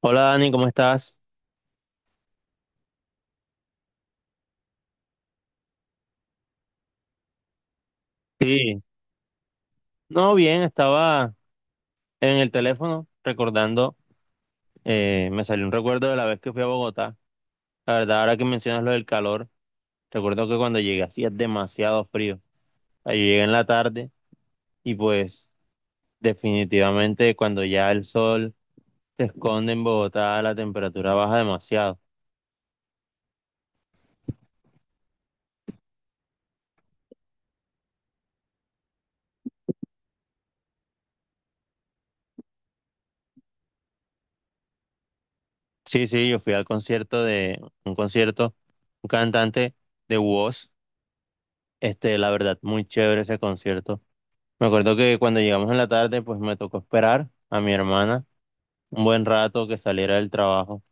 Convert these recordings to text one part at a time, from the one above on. Hola Dani, ¿cómo estás? Sí, no, bien, estaba en el teléfono recordando, me salió un recuerdo de la vez que fui a Bogotá. La verdad, ahora que mencionas lo del calor, recuerdo que cuando llegué hacía demasiado frío. Ahí llegué en la tarde y pues definitivamente cuando ya el sol se esconde en Bogotá, la temperatura baja demasiado. Sí, sí, yo fui al concierto de un concierto, un cantante de WOS, este, la verdad, muy chévere ese concierto. Me acuerdo que cuando llegamos en la tarde, pues me tocó esperar a mi hermana un buen rato que saliera del trabajo.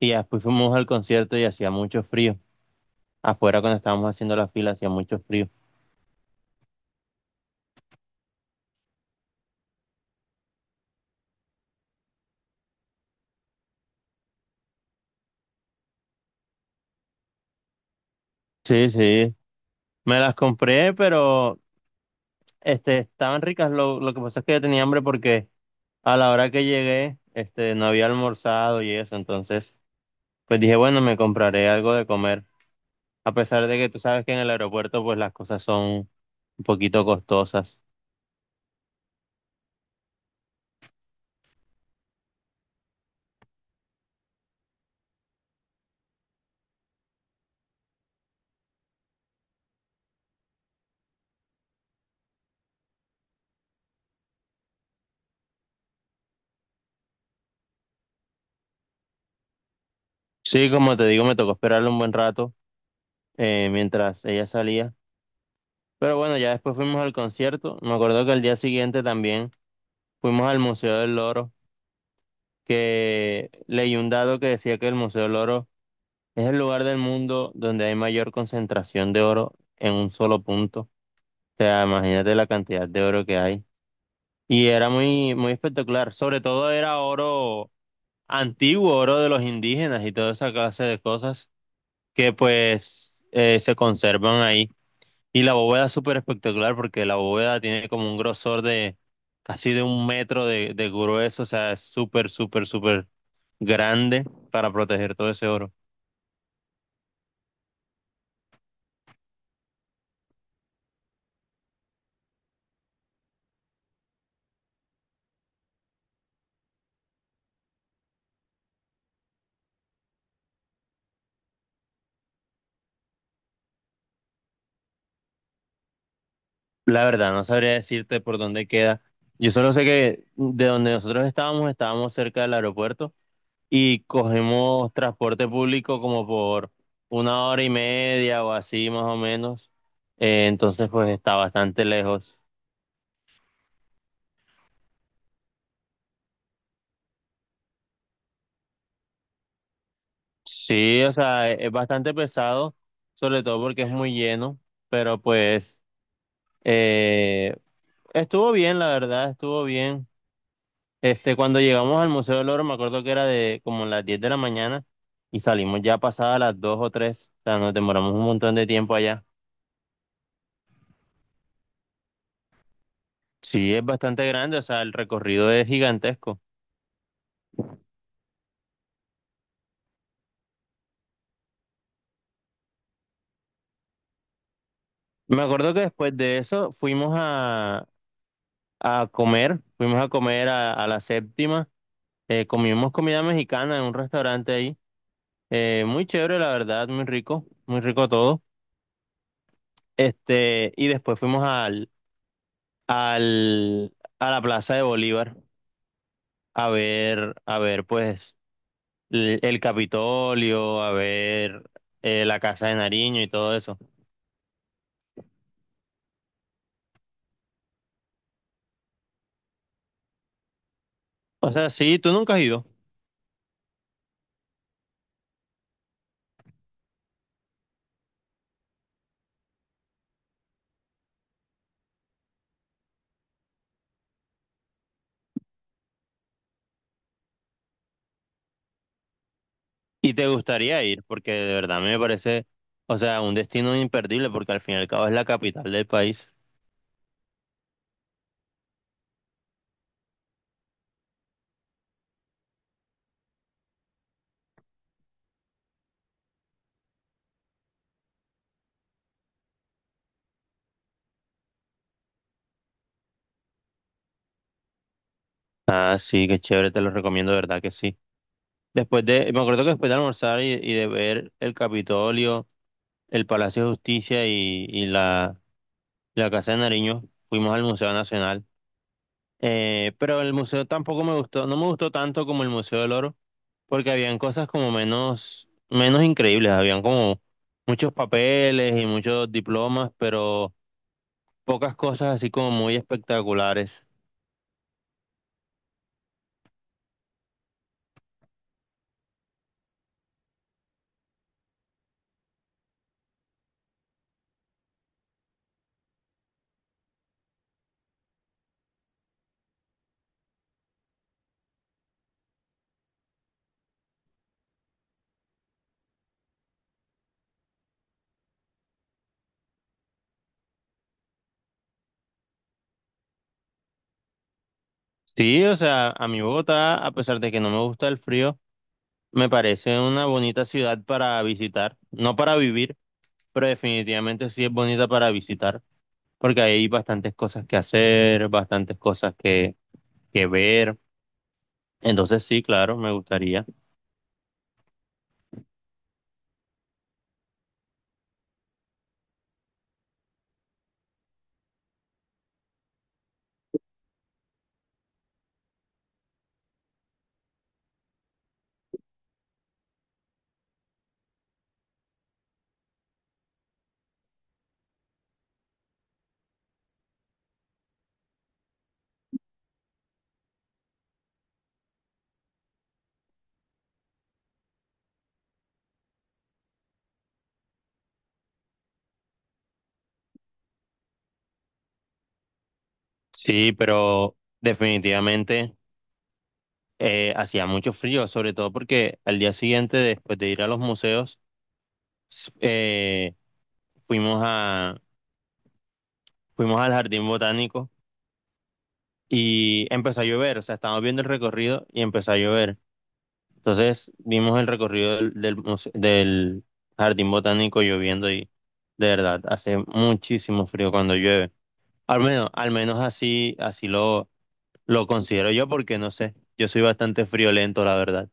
Y ya después fuimos al concierto y hacía mucho frío. Afuera cuando estábamos haciendo la fila hacía mucho frío. Sí, sí. Me las compré, pero este, estaban ricas. Lo que pasa es que yo tenía hambre porque a la hora que llegué, este, no había almorzado y eso. Entonces, pues dije, bueno, me compraré algo de comer. A pesar de que tú sabes que en el aeropuerto, pues las cosas son un poquito costosas. Sí, como te digo, me tocó esperarlo un buen rato mientras ella salía. Pero bueno, ya después fuimos al concierto. Me acuerdo que al día siguiente también fuimos al Museo del Loro, que leí un dato que decía que el Museo del Loro es el lugar del mundo donde hay mayor concentración de oro en un solo punto. O sea, imagínate la cantidad de oro que hay. Y era muy, muy espectacular. Sobre todo era oro antiguo, oro de los indígenas y toda esa clase de cosas que pues se conservan ahí. Y la bóveda es súper espectacular porque la bóveda tiene como un grosor de casi de un metro de grueso, o sea, es súper, súper, súper grande para proteger todo ese oro. La verdad, no sabría decirte por dónde queda. Yo solo sé que de donde nosotros estábamos, estábamos cerca del aeropuerto y cogemos transporte público como por una hora y media o así más o menos. Entonces, pues está bastante lejos. Sí, o sea, es bastante pesado, sobre todo porque es muy lleno, pero pues eh, estuvo bien, la verdad, estuvo bien. Este, cuando llegamos al Museo del Oro, me acuerdo que era de como las 10 de la mañana y salimos ya pasadas las 2 o 3, o sea, nos demoramos un montón de tiempo allá. Sí, es bastante grande, o sea, el recorrido es gigantesco. Me acuerdo que después de eso fuimos a comer, fuimos a comer a la séptima, comimos comida mexicana en un restaurante. Muy chévere, la verdad, muy rico todo. Este, y después fuimos al, a la Plaza de Bolívar a ver, pues, el Capitolio, a ver la Casa de Nariño y todo eso. O sea, sí, tú nunca has ido y te gustaría ir, porque de verdad a mí me parece, o sea, un destino imperdible, porque al fin y al cabo es la capital del país. Ah, sí, qué chévere, te lo recomiendo, de verdad que sí. Después de, me acuerdo que después de almorzar y de ver el Capitolio. El Palacio de Justicia y la Casa de Nariño. Fuimos al Museo Nacional. Pero el museo tampoco me gustó, no me gustó tanto como el Museo del Oro, porque habían cosas como menos, menos increíbles, habían como muchos papeles y muchos diplomas, pero pocas cosas así como muy espectaculares. Sí, o sea, a mi Bogotá, a pesar de que no me gusta el frío, me parece una bonita ciudad para visitar, no para vivir, pero definitivamente sí es bonita para visitar, porque hay bastantes cosas que hacer, bastantes cosas que ver. Entonces sí, claro, me gustaría. Sí, pero definitivamente hacía mucho frío, sobre todo porque al día siguiente, después de ir a los museos, s- eh, fuimos al jardín botánico y empezó a llover, o sea, estábamos viendo el recorrido y empezó a llover. Entonces vimos el recorrido del jardín botánico lloviendo y de verdad, hace muchísimo frío cuando llueve. Al menos así, así lo considero yo, porque no sé, yo soy bastante friolento, la verdad.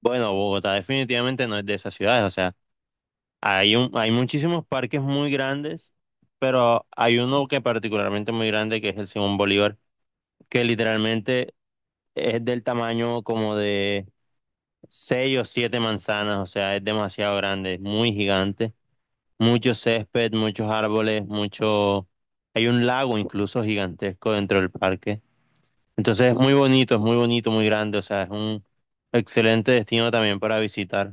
Bueno, Bogotá definitivamente no es de esas ciudades, o sea, hay muchísimos parques muy grandes, pero hay uno que particularmente muy grande, que es el Simón Bolívar, que literalmente es del tamaño como de 6 o 7 manzanas, o sea, es demasiado grande, es muy gigante, mucho césped, muchos árboles, mucho, hay un lago incluso gigantesco dentro del parque. Entonces es muy bonito, muy grande, o sea, es un excelente destino también para visitar.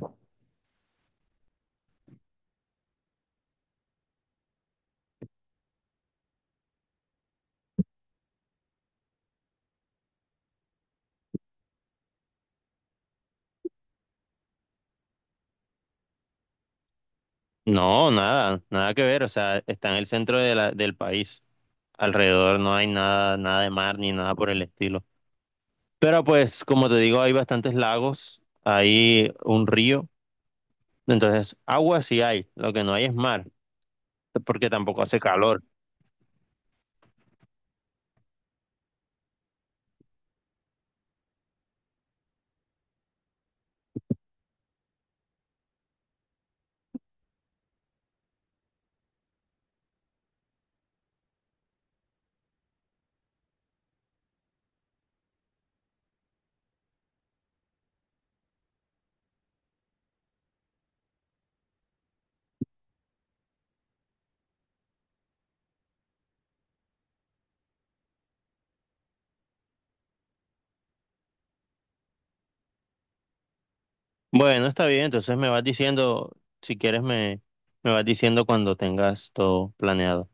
No, nada, nada que ver, o sea, está en el centro de del país. Alrededor no hay nada, nada de mar ni nada por el estilo. Pero pues, como te digo, hay bastantes lagos, hay un río, entonces agua sí hay, lo que no hay es mar, porque tampoco hace calor. Bueno, está bien, entonces me vas diciendo, si quieres me, me vas diciendo cuando tengas todo planeado.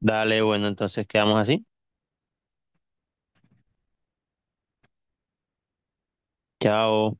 Dale, bueno, entonces quedamos así. Chao.